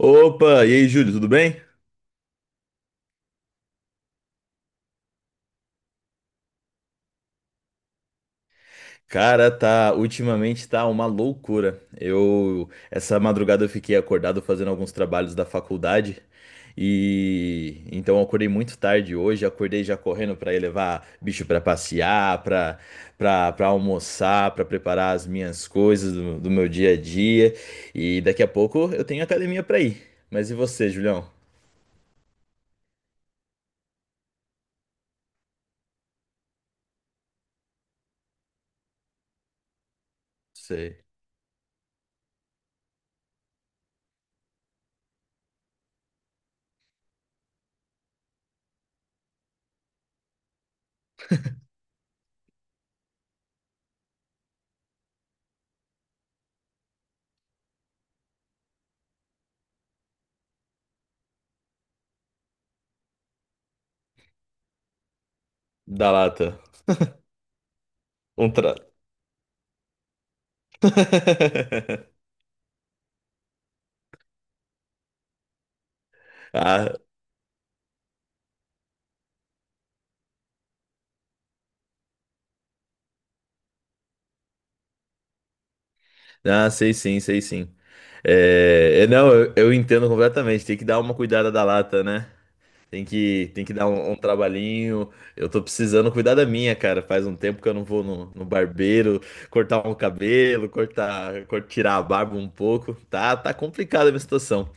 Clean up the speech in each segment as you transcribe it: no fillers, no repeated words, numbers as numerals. Opa, e aí, Júlio, tudo bem? Cara, tá, ultimamente tá uma loucura. Eu, essa madrugada eu fiquei acordado fazendo alguns trabalhos da faculdade e então eu acordei muito tarde hoje, acordei já correndo pra ir levar bicho pra passear, pra para almoçar, pra preparar as minhas coisas do meu dia a dia e daqui a pouco eu tenho academia pra ir. Mas e você, Julião? Sei. Da lata. Um tra... Ah, ah, sei sim, sei sim. É, é, não, eu entendo completamente. Tem que dar uma cuidada da lata, né? Tem que dar um, um trabalhinho. Eu tô precisando cuidar da minha, cara. Faz um tempo que eu não vou no barbeiro cortar um cabelo, cortar, tirar a barba um pouco. Tá, tá complicada a minha situação.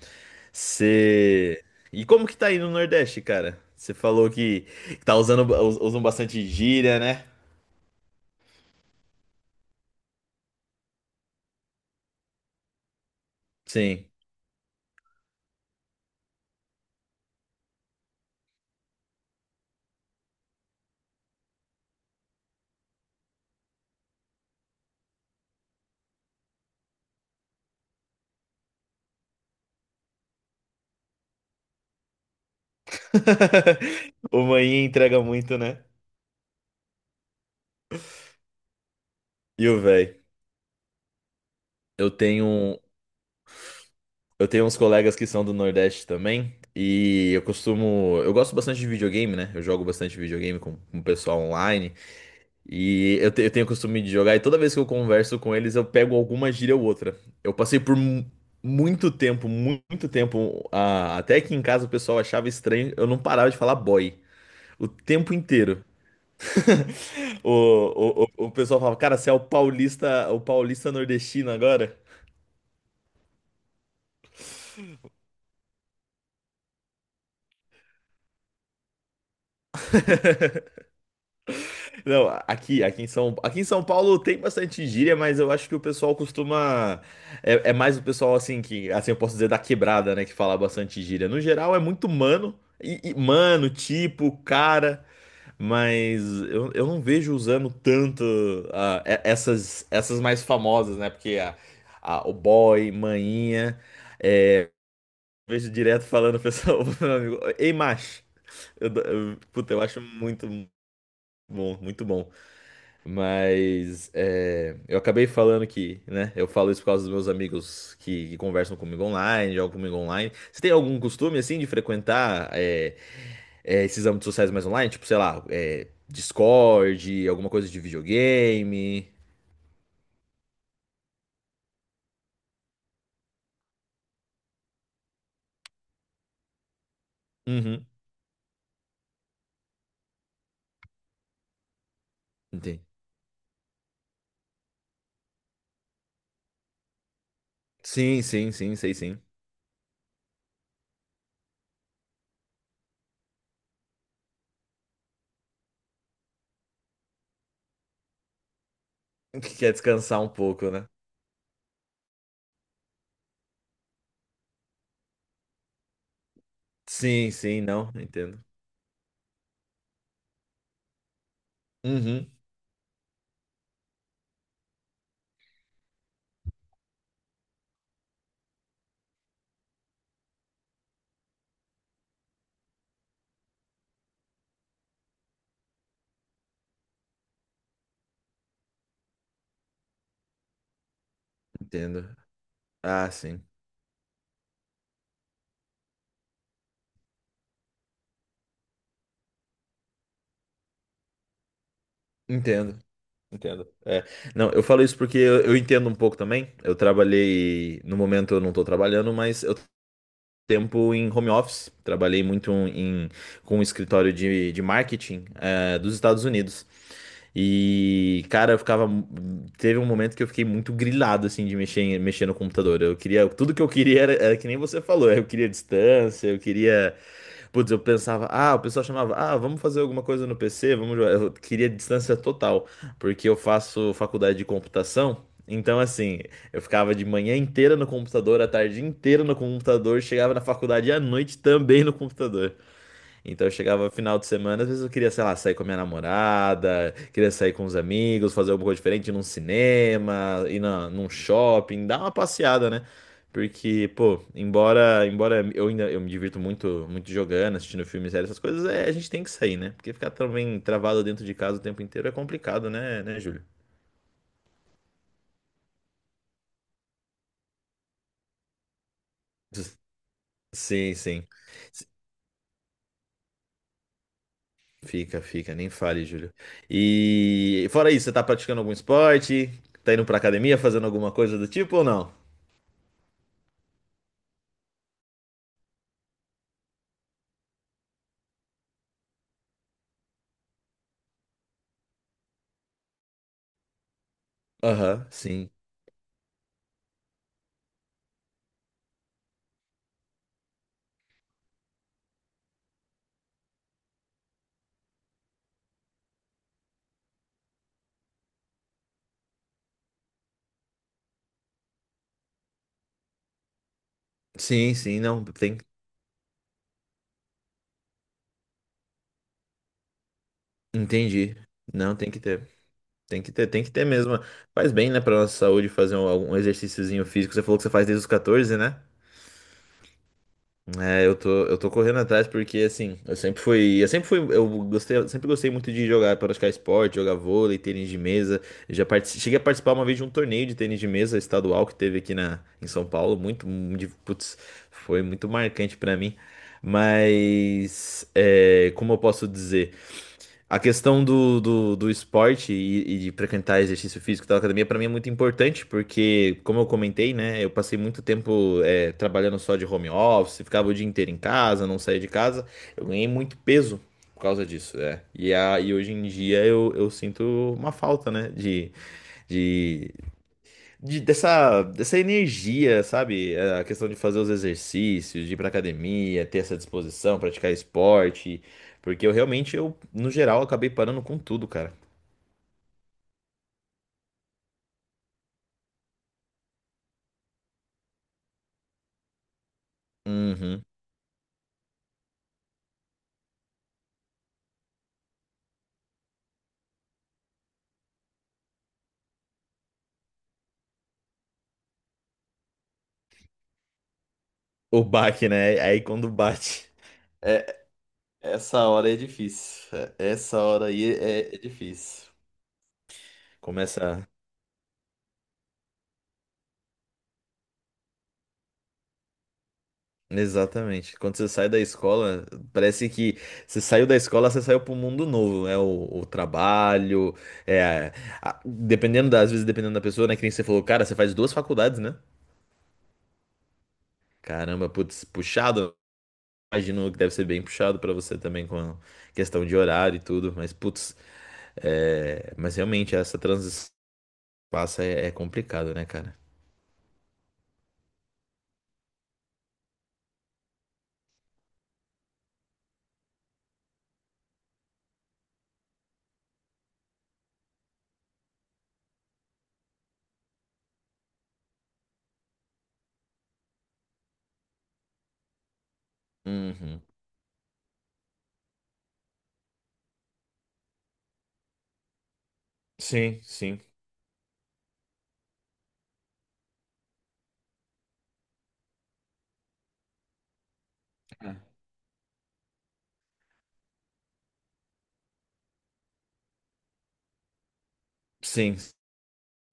Você. E como que tá aí no Nordeste, cara? Você falou que tá usando, usam bastante gíria, né? Sim. O manhinha entrega muito, né? E o véi? Eu tenho, eu tenho uns colegas que são do Nordeste também, e eu costumo, eu gosto bastante de videogame, né? Eu jogo bastante videogame com o pessoal online, e eu, eu tenho o costume de jogar, e toda vez que eu converso com eles, eu pego alguma gíria ou outra. Eu passei por muito tempo, muito tempo, até que em casa o pessoal achava estranho, eu não parava de falar boy. O tempo inteiro. O pessoal falava, cara, você é o paulista nordestino agora? Não, aqui, aqui em São Paulo tem bastante gíria, mas eu acho que o pessoal costuma. É, é mais o pessoal assim que, assim eu posso dizer da quebrada, né, que fala bastante gíria. No geral é muito mano, mano, tipo, cara, mas eu não vejo usando tanto essas essas mais famosas, né? Porque o boy, maninha, é, eu vejo direto falando pessoal, meu amigo, ei, macho. Puta, eu acho muito bom, muito bom. Mas é, eu acabei falando que, né? Eu falo isso por causa dos meus amigos que conversam comigo online, jogam comigo online. Você tem algum costume, assim, de frequentar esses âmbitos sociais mais online? Tipo, sei lá, é, Discord, alguma coisa de videogame? Uhum, entendi. Sim, sim, sim, sei sim. Que quer descansar um pouco, né? Sim, sim, não, entendo. Uhum, entendo. Ah, sim, entendo. Entendo. É. Não, eu falo isso porque eu entendo um pouco também. Eu trabalhei, no momento eu não tô trabalhando, mas eu tenho tempo em home office. Trabalhei muito um, em, com um escritório de marketing, dos Estados Unidos. E, cara, eu ficava. Teve um momento que eu fiquei muito grilado, assim, de mexer, mexer no computador. Eu queria. Tudo que eu queria era, era que nem você falou. Eu queria distância, eu queria. Putz, eu pensava, ah, o pessoal chamava, ah, vamos fazer alguma coisa no PC, vamos jogar. Eu queria distância total, porque eu faço faculdade de computação. Então, assim, eu ficava de manhã inteira no computador, a tarde inteira no computador, chegava na faculdade à noite também no computador. Então eu chegava final de semana, às vezes eu queria, sei lá, sair com a minha namorada, queria sair com os amigos, fazer alguma coisa diferente, ir num cinema, ir na, num shopping, dar uma passeada, né? Porque, pô, embora eu ainda eu me divirto muito, muito jogando, assistindo filmes, séries, essas coisas, é, a gente tem que sair, né? Porque ficar também travado dentro de casa o tempo inteiro é complicado, né, Júlio? Sim, sim. S- Fica, fica, nem fale, Júlio. E fora isso, você tá praticando algum esporte? Tá indo pra academia, fazendo alguma coisa do tipo ou não? Aham, sim. Sim, sim, não, tem, entendi. Não, tem que ter. Tem que ter mesmo. Faz bem, né, pra nossa saúde fazer um, algum exercíciozinho físico. Você falou que você faz desde os 14, né? É, eu tô correndo atrás porque, assim, eu sempre fui, eu gostei, eu sempre gostei muito de jogar, praticar esporte, jogar vôlei, tênis de mesa. Eu já cheguei a participar uma vez de um torneio de tênis de mesa estadual que teve aqui na, em São Paulo, muito, putz, foi muito marcante pra mim. Mas, é, como eu posso dizer? A questão do esporte e de frequentar exercício físico da academia, para mim é muito importante, porque, como eu comentei, né, eu passei muito tempo é, trabalhando só de home office, ficava o dia inteiro em casa, não saía de casa, eu ganhei muito peso por causa disso, é. E, a, e hoje em dia eu sinto uma falta, né, de, dessa, dessa energia, sabe? A questão de fazer os exercícios, de ir pra academia, ter essa disposição, praticar esporte. Porque eu realmente, eu, no geral, acabei parando com tudo, cara. Uhum. O baque, né? Aí quando bate. É, essa hora é difícil. É, essa hora aí é, é difícil. Começa. Exatamente. Quando você sai da escola, parece que você saiu da escola, você saiu para um mundo novo, né? O trabalho, é, dependendo das às vezes, dependendo da pessoa, né? Que nem você falou, cara, você faz duas faculdades, né? Caramba, putz, puxado. Imagino que deve ser bem puxado para você também com a questão de horário e tudo, mas putz, é, mas realmente essa transição que passa é, é complicado, né, cara? Uhum. Sim, sim. É. Sim,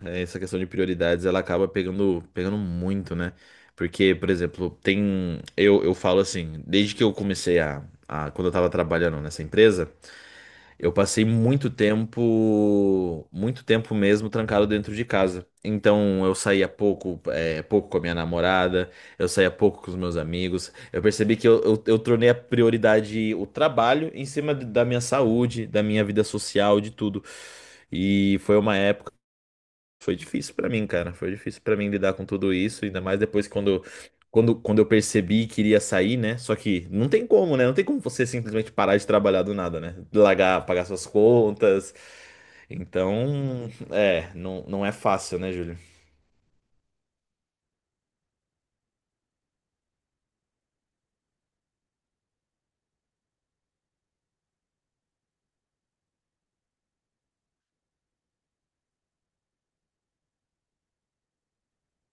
é, essa questão de prioridades, ela acaba pegando, pegando muito, né? Porque, por exemplo, tem. Eu falo assim, desde que eu comecei a. Quando eu tava trabalhando nessa empresa, eu passei muito tempo. Muito tempo mesmo trancado dentro de casa. Então, eu saía pouco, é, pouco com a minha namorada, eu saía pouco com os meus amigos. Eu percebi que eu tornei a prioridade o trabalho em cima da minha saúde, da minha vida social, de tudo. E foi uma época. Foi difícil pra mim, cara. Foi difícil pra mim lidar com tudo isso, ainda mais depois que quando, quando eu percebi que iria sair, né? Só que não tem como, né? Não tem como você simplesmente parar de trabalhar do nada, né? Largar, pagar suas contas. Então, é, não, não é fácil, né, Júlio?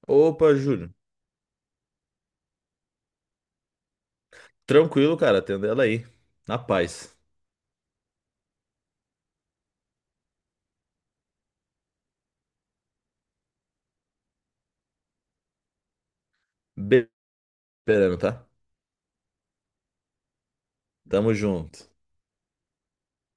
Opa, Júlio. Tranquilo, cara. Atendendo ela aí. Na paz. Be- Esperando, tá? Tamo junto.